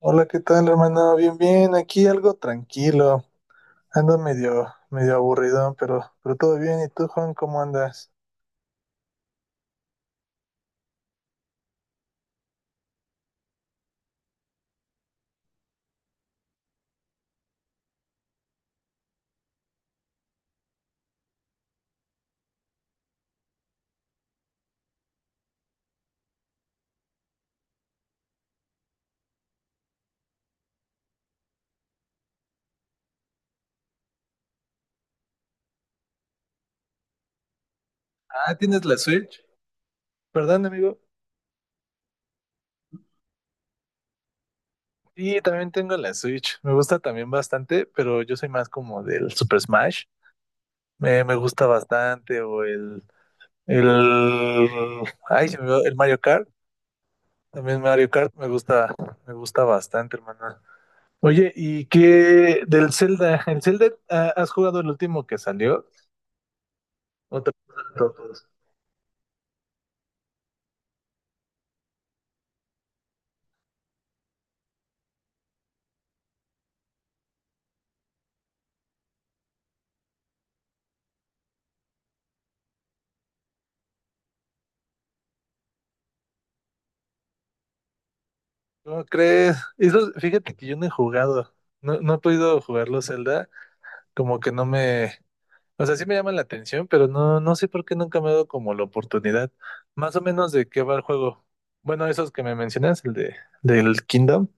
Hola, ¿qué tal, hermano? Bien, bien, aquí algo tranquilo. Ando medio aburridón, pero todo bien. ¿Y tú, Juan, cómo andas? Ah, ¿tienes la Switch? Perdón, amigo. Sí, también tengo la Switch. Me gusta también bastante, pero yo soy más como del Super Smash. Me gusta bastante, o el, ay, se me va- el Mario Kart. También Mario Kart me gusta bastante, hermano. Oye, ¿y qué del Zelda? ¿El Zelda, has jugado el último que salió? Otra cosa de todos. ¿Cómo crees? Eso, fíjate que yo no he jugado. No, no he podido jugarlo Zelda. Como que no me. O sea, sí me llama la atención, pero no, no sé por qué nunca me ha dado como la oportunidad. Más o menos de qué va el juego. Bueno, esos que me mencionas, el de del Kingdom.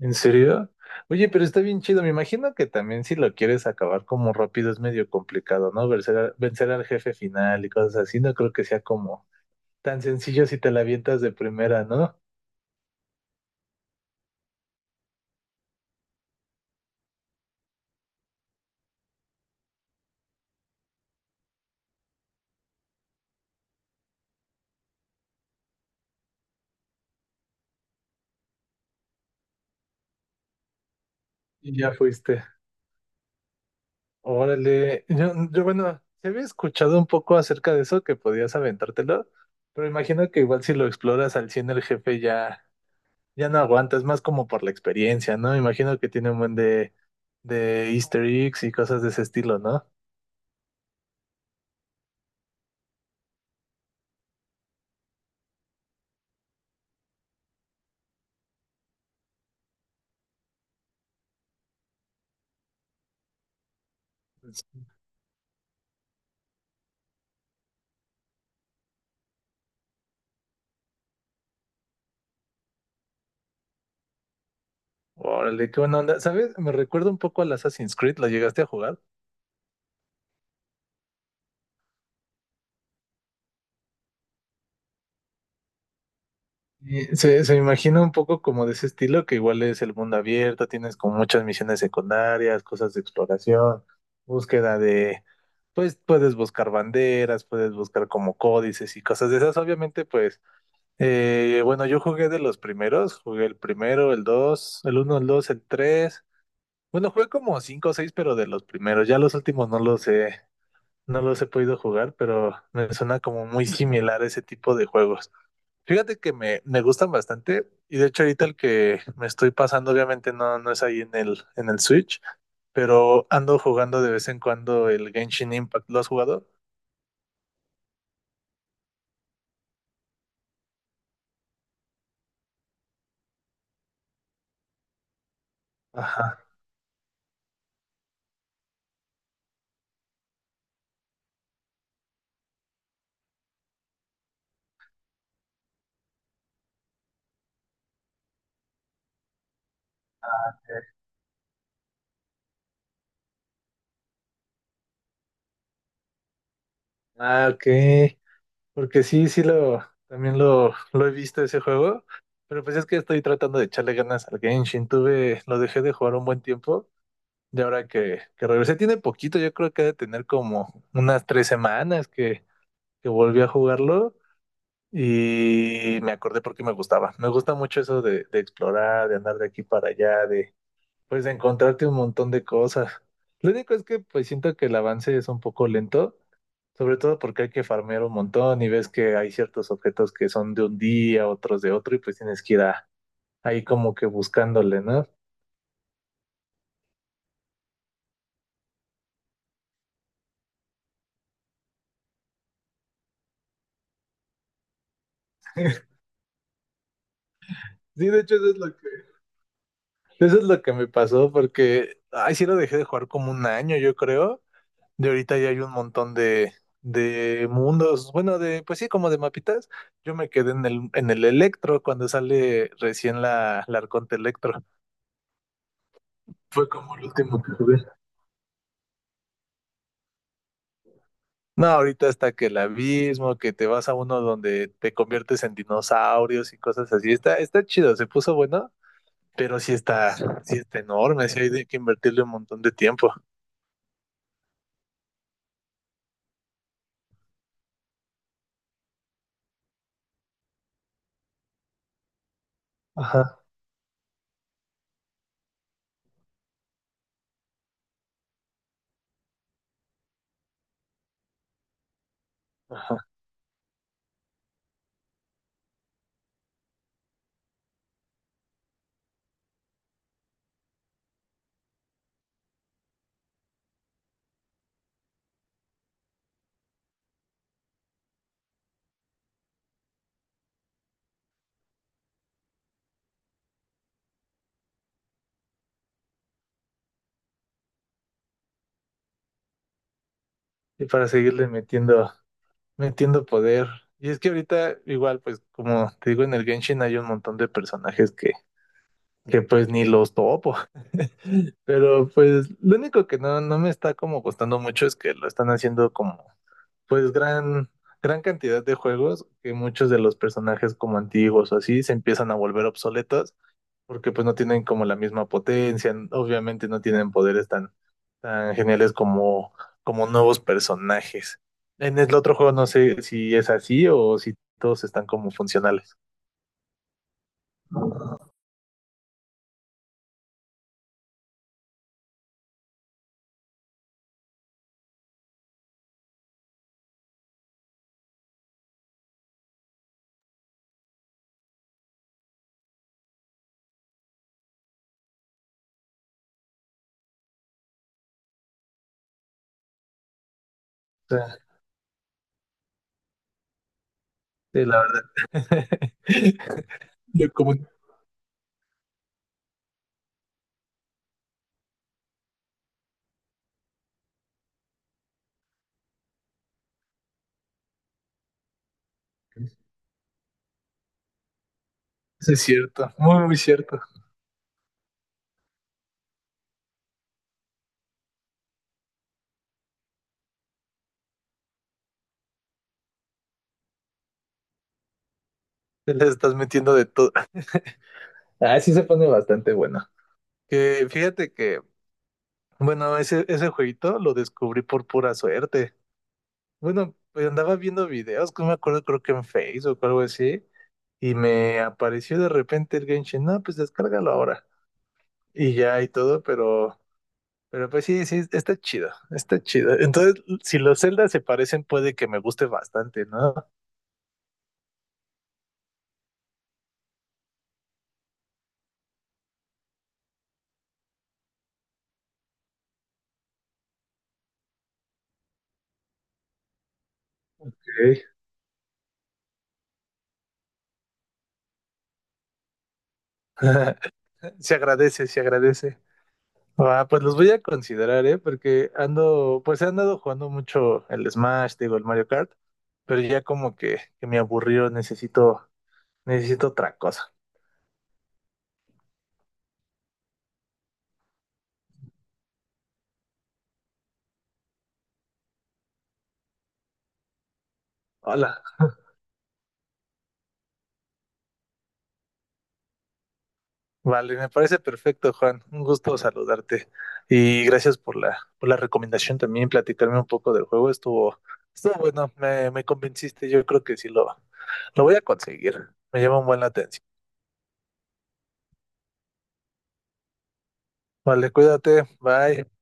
¿En serio? Oye, pero está bien chido. Me imagino que también si lo quieres acabar como rápido es medio complicado, ¿no? Vencer al jefe final y cosas así. No creo que sea como tan sencillo si te la avientas de primera, ¿no? Y ya fuiste. Órale. Bueno, se había escuchado un poco acerca de eso, que podías aventártelo, pero imagino que igual si lo exploras al 100 el jefe ya, ya no aguanta, es más como por la experiencia, ¿no? Imagino que tiene un buen de easter eggs y cosas de ese estilo, ¿no? Órale, qué buena onda. ¿Sabes? Me recuerda un poco al Assassin's Creed, ¿lo llegaste a jugar? Y se me imagina un poco como de ese estilo, que igual es el mundo abierto, tienes como muchas misiones secundarias, cosas de exploración, búsqueda de, pues puedes buscar banderas, puedes buscar como códices y cosas de esas. Obviamente, pues, bueno, yo jugué de los primeros, jugué el primero, el dos, el uno, el dos, el tres. Bueno, jugué como cinco o seis, pero de los primeros. Ya los últimos no los he, no los he podido jugar, pero me suena como muy similar ese tipo de juegos. Fíjate que me gustan bastante y de hecho ahorita el que me estoy pasando obviamente no, no es ahí en el, Switch, pero ando jugando de vez en cuando el Genshin Impact. ¿Lo has jugado? Ajá. Ah, ok. Porque sí, sí, también lo he visto ese juego, pero pues es que estoy tratando de echarle ganas al Genshin. Lo dejé de jugar un buen tiempo y ahora que, regresé tiene poquito, yo creo que ha de tener como unas 3 semanas que volví a jugarlo. Y me acordé porque me gustaba. Me gusta mucho eso de explorar, de andar de aquí para allá, de pues de encontrarte un montón de cosas. Lo único es que pues siento que el avance es un poco lento, sobre todo porque hay que farmear un montón y ves que hay ciertos objetos que son de un día, otros de otro, y pues tienes que ir ahí como que buscándole, ¿no? Sí, de hecho eso es lo que me pasó porque, ay, sí lo dejé de jugar como un año, yo creo. De ahorita ya hay un montón de, mundos, bueno, de, pues sí, como de mapitas. Yo me quedé en el, Electro cuando sale recién la Arconte Electro. Fue como el último que jugué. No, ahorita está que el abismo, que te vas a uno donde te conviertes en dinosaurios y cosas así. Está chido, se puso bueno, pero sí está enorme, sí hay de que invertirle un montón de tiempo. Ajá, ajá. Y para seguirle metiendo. No entiendo poder. Y es que ahorita, igual, pues, como te digo, en el Genshin hay un montón de personajes que, pues ni los topo. Pero pues lo único que no me está como gustando mucho es que lo están haciendo como, pues, gran cantidad de juegos que muchos de los personajes como antiguos o así se empiezan a volver obsoletos porque pues no tienen como la misma potencia, obviamente no tienen poderes tan geniales como nuevos personajes. En el otro juego no sé si es así o si todos están como funcionales. O sea, sí, la verdad. Yo como, sí es cierto, muy, muy cierto. Te le estás metiendo de todo. Ah, sí se pone bastante bueno. Que fíjate que, bueno, ese jueguito lo descubrí por pura suerte. Bueno, pues andaba viendo videos, que no me acuerdo, creo que en Facebook o algo así, y me apareció de repente el Genshin, no, pues descárgalo ahora, y ya y todo, pero pues sí, sí, está chido, está chido. Entonces, si los Zelda se parecen, puede que me guste bastante, ¿no? Ok. Se agradece, se agradece. Ah, pues los voy a considerar, ¿eh? Porque ando, pues he andado jugando mucho el Smash, digo, el Mario Kart, pero ya como que, me aburrió, necesito otra cosa. Hola, vale, me parece perfecto, Juan. Un gusto saludarte. Y gracias por la recomendación también, platicarme un poco del juego. Estuvo bueno, me convenciste. Yo creo que sí lo voy a conseguir. Me llama un buen la atención. Vale, cuídate. Bye.